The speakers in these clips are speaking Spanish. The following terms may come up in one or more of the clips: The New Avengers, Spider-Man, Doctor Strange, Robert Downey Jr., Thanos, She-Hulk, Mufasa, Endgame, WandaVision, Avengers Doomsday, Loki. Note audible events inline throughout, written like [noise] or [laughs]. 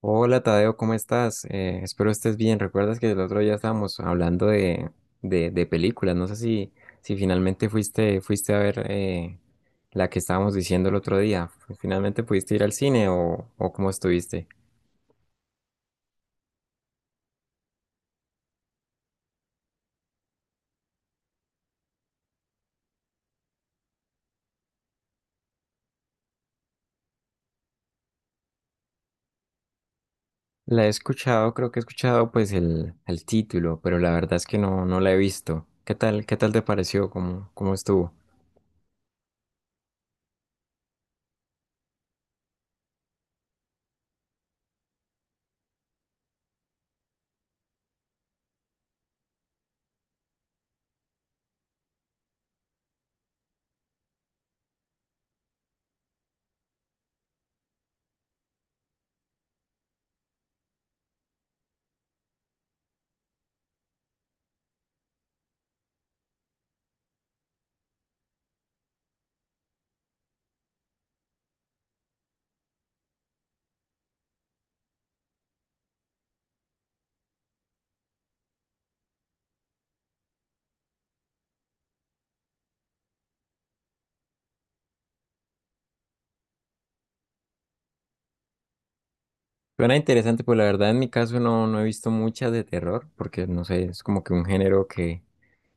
Hola Tadeo, ¿cómo estás? Espero estés bien. ¿Recuerdas que el otro día estábamos hablando de películas? No sé si, Si finalmente fuiste a ver la que estábamos diciendo el otro día. ¿Finalmente pudiste ir al cine o cómo estuviste? La he escuchado, creo que he escuchado pues el título, pero la verdad es que no la he visto. ¿Qué qué tal te pareció? Cómo estuvo? Suena interesante, pues la verdad en mi caso no he visto muchas de terror, porque no sé, es como que un género que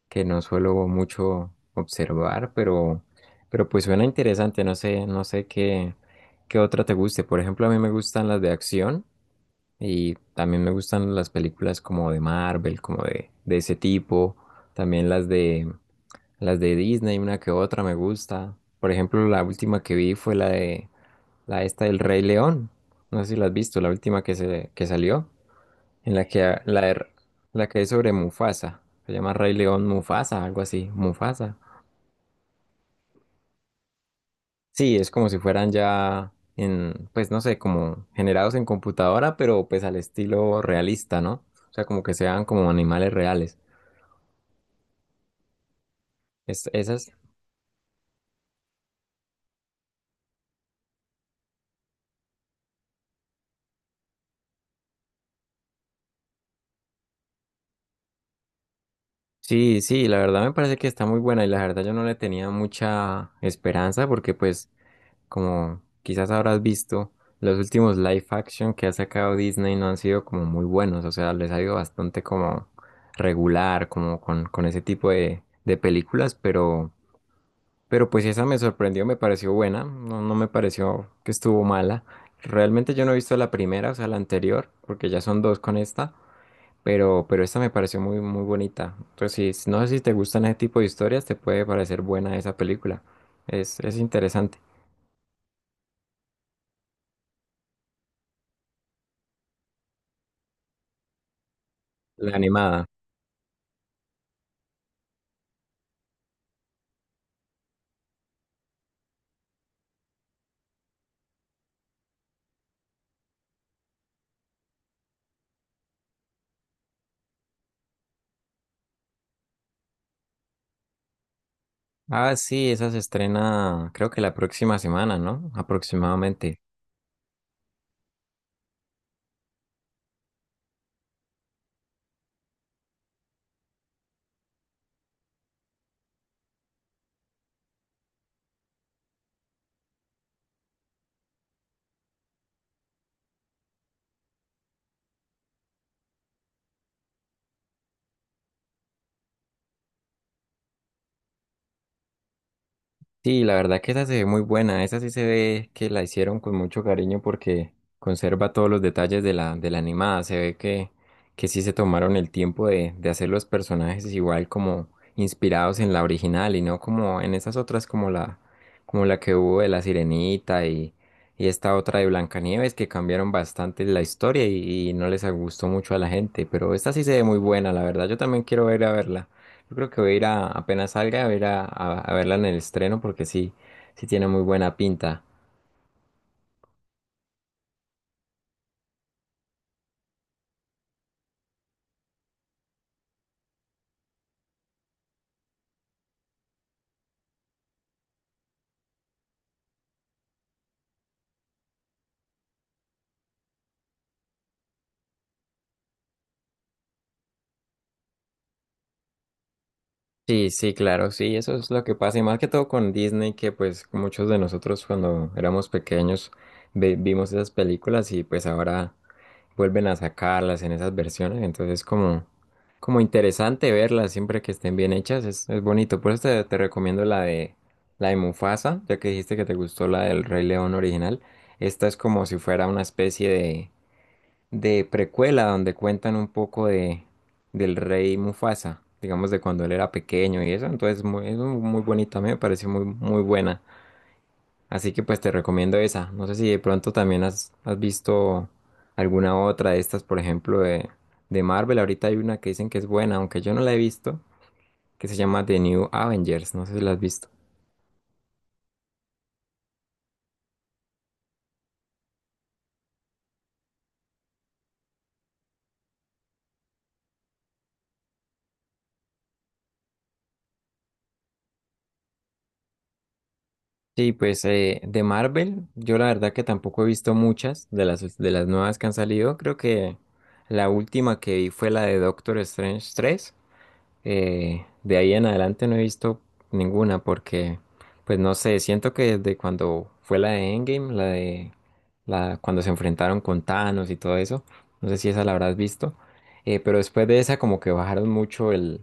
que no suelo mucho observar, pero pues suena interesante, no sé qué otra te guste. Por ejemplo, a mí me gustan las de acción y también me gustan las películas como de Marvel, como de ese tipo, también las de Disney, una que otra me gusta. Por ejemplo, la última que vi fue la de la esta del Rey León. No sé si la has visto, la última que se que salió. En la que, ha- la, de- la que es sobre Mufasa. Se llama Rey León Mufasa, algo así. Mufasa. Sí, es como si fueran ya en, pues no sé, como generados en computadora, pero pues al estilo realista, ¿no? O sea, como que sean como animales reales. Es, esas. Sí, sí, la verdad me parece que está muy buena y la verdad yo no le tenía mucha esperanza porque pues como quizás habrás visto, los últimos live action que ha sacado Disney no han sido como muy buenos, o sea, les ha ido bastante como regular, como con ese tipo de películas, pero pues esa me sorprendió, me pareció buena, no, no me pareció que estuvo mala. Realmente yo no he visto la primera, o sea, la anterior, porque ya son dos con esta, pero esta me pareció muy bonita. Entonces, no sé si te gustan ese tipo de historias, te puede parecer buena esa película. Es interesante. La animada. Ah, sí, esa se estrena creo que la próxima semana, ¿no? Aproximadamente. Sí, la verdad que esa se ve muy buena. Esa sí se ve que la hicieron con mucho cariño porque conserva todos los detalles de de la animada. Se ve que sí se tomaron el tiempo de hacer los personajes igual como inspirados en la original y no como en esas otras como como la que hubo de la Sirenita y esta otra de Blancanieves que cambiaron bastante la historia y no les gustó mucho a la gente. Pero esta sí se ve muy buena, la verdad. Yo también quiero ver a verla. Yo creo que voy a ir a, apenas salga, voy a ir a verla en el estreno porque sí tiene muy buena pinta. Sí, sí, claro, sí, eso es lo que pasa. Y más que todo con Disney, que pues muchos de nosotros cuando éramos pequeños vimos esas películas y pues ahora vuelven a sacarlas en esas versiones. Entonces como interesante verlas siempre que estén bien hechas, es bonito. Por eso te recomiendo la la de Mufasa, ya que dijiste que te gustó la del Rey León original. Esta es como si fuera una especie de precuela donde cuentan un poco de del rey Mufasa, digamos de cuando él era pequeño y eso, entonces muy, muy bonita, a mí me pareció muy muy buena. Así que pues te recomiendo esa. No sé si de pronto también has visto alguna otra de estas, por ejemplo, de Marvel. Ahorita hay una que dicen que es buena, aunque yo no la he visto, que se llama The New Avengers. No sé si la has visto. Sí, pues de Marvel, yo la verdad que tampoco he visto muchas de de las nuevas que han salido. Creo que la última que vi fue la de Doctor Strange tres. De ahí en adelante no he visto ninguna porque, pues no sé, siento que desde cuando fue la de Endgame, la de la, cuando se enfrentaron con Thanos y todo eso, no sé si esa la habrás visto, pero después de esa como que bajaron mucho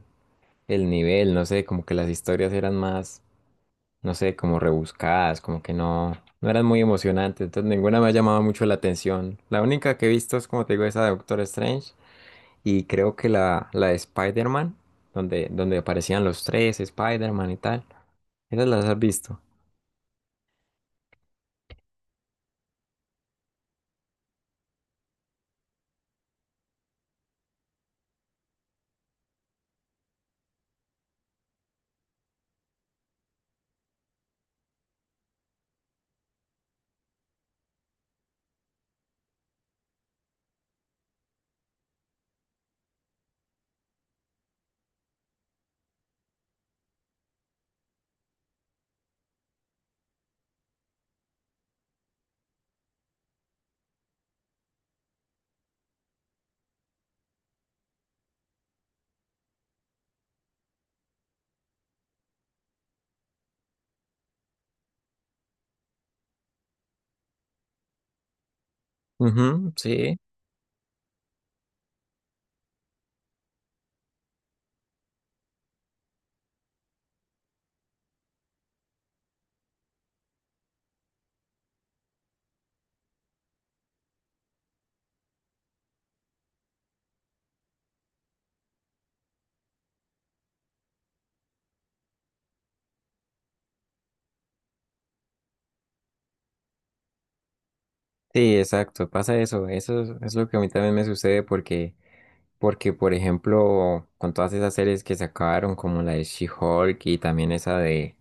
el nivel, no sé, como que las historias eran más no sé, como rebuscadas, como que no eran muy emocionantes, entonces ninguna me ha llamado mucho la atención. La única que he visto es, como te digo, esa de Doctor Strange y creo que la de Spider-Man, donde aparecían los tres, Spider-Man y tal. Esas las has visto. Ujú, sí. Sí, exacto, pasa eso. Eso es lo que a mí también me sucede por ejemplo, con todas esas series que se acabaron, como la de She-Hulk y también esa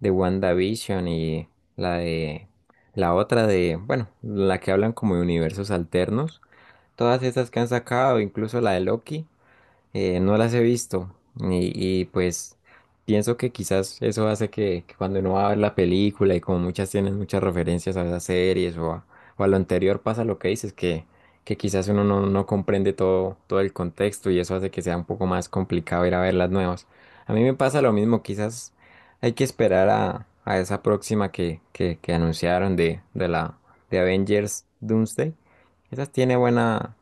de WandaVision y la de la otra de, bueno, la que hablan como de universos alternos. Todas esas que han sacado, incluso la de Loki no las he pues pienso que quizás eso hace que cuando uno va a ver la película y como muchas tienen muchas referencias a esas series o o a lo anterior pasa lo que dices, que quizás uno no comprende todo el contexto y eso hace que sea un poco más complicado ir a ver las nuevas. A mí me pasa lo mismo, quizás hay que esperar a esa próxima que anunciaron de la de Avengers Doomsday. Esa tiene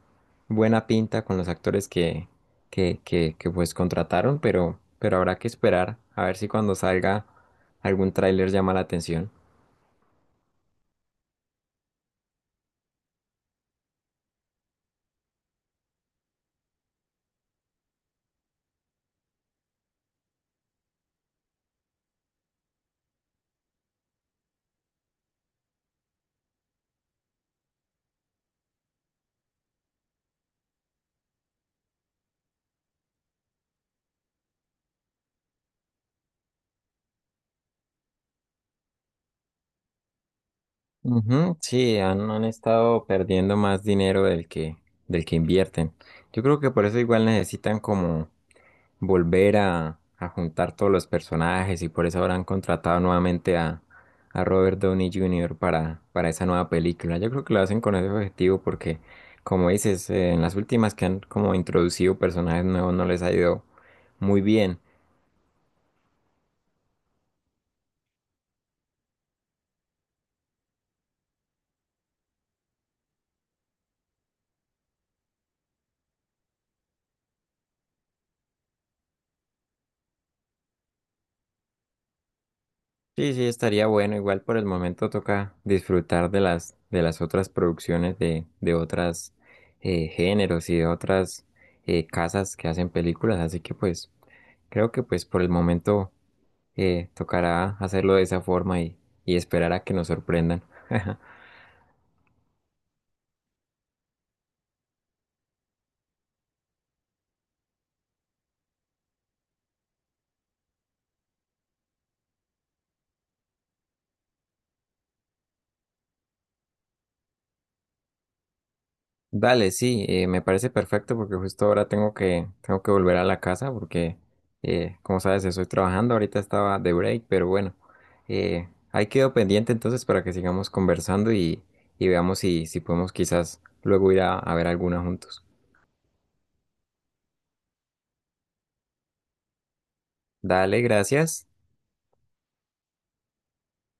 buena pinta con los actores que pues contrataron, pero habrá que esperar a ver si cuando salga algún tráiler llama la atención. Ujú, sí, han estado perdiendo más dinero del que invierten. Yo creo que por eso igual necesitan como volver a juntar todos los personajes y por eso habrán contratado nuevamente a Robert Downey Jr. Para esa nueva película. Yo creo que lo hacen con ese objetivo porque, como dices, en las últimas que han como introducido personajes nuevos no les ha ido muy bien. Sí, sí, estaría bueno. Igual por el momento toca disfrutar de de las otras producciones de otras géneros y de otras casas que hacen películas. Así que pues creo que pues por el momento tocará hacerlo de esa forma y esperar a que nos sorprendan. [laughs] Dale, sí, me parece perfecto porque justo ahora tengo tengo que volver a la casa porque, como sabes, estoy trabajando, ahorita estaba de break, pero bueno, ahí quedo pendiente entonces para que sigamos y veamos si podemos quizás luego ir a ver alguna juntos. Dale, gracias.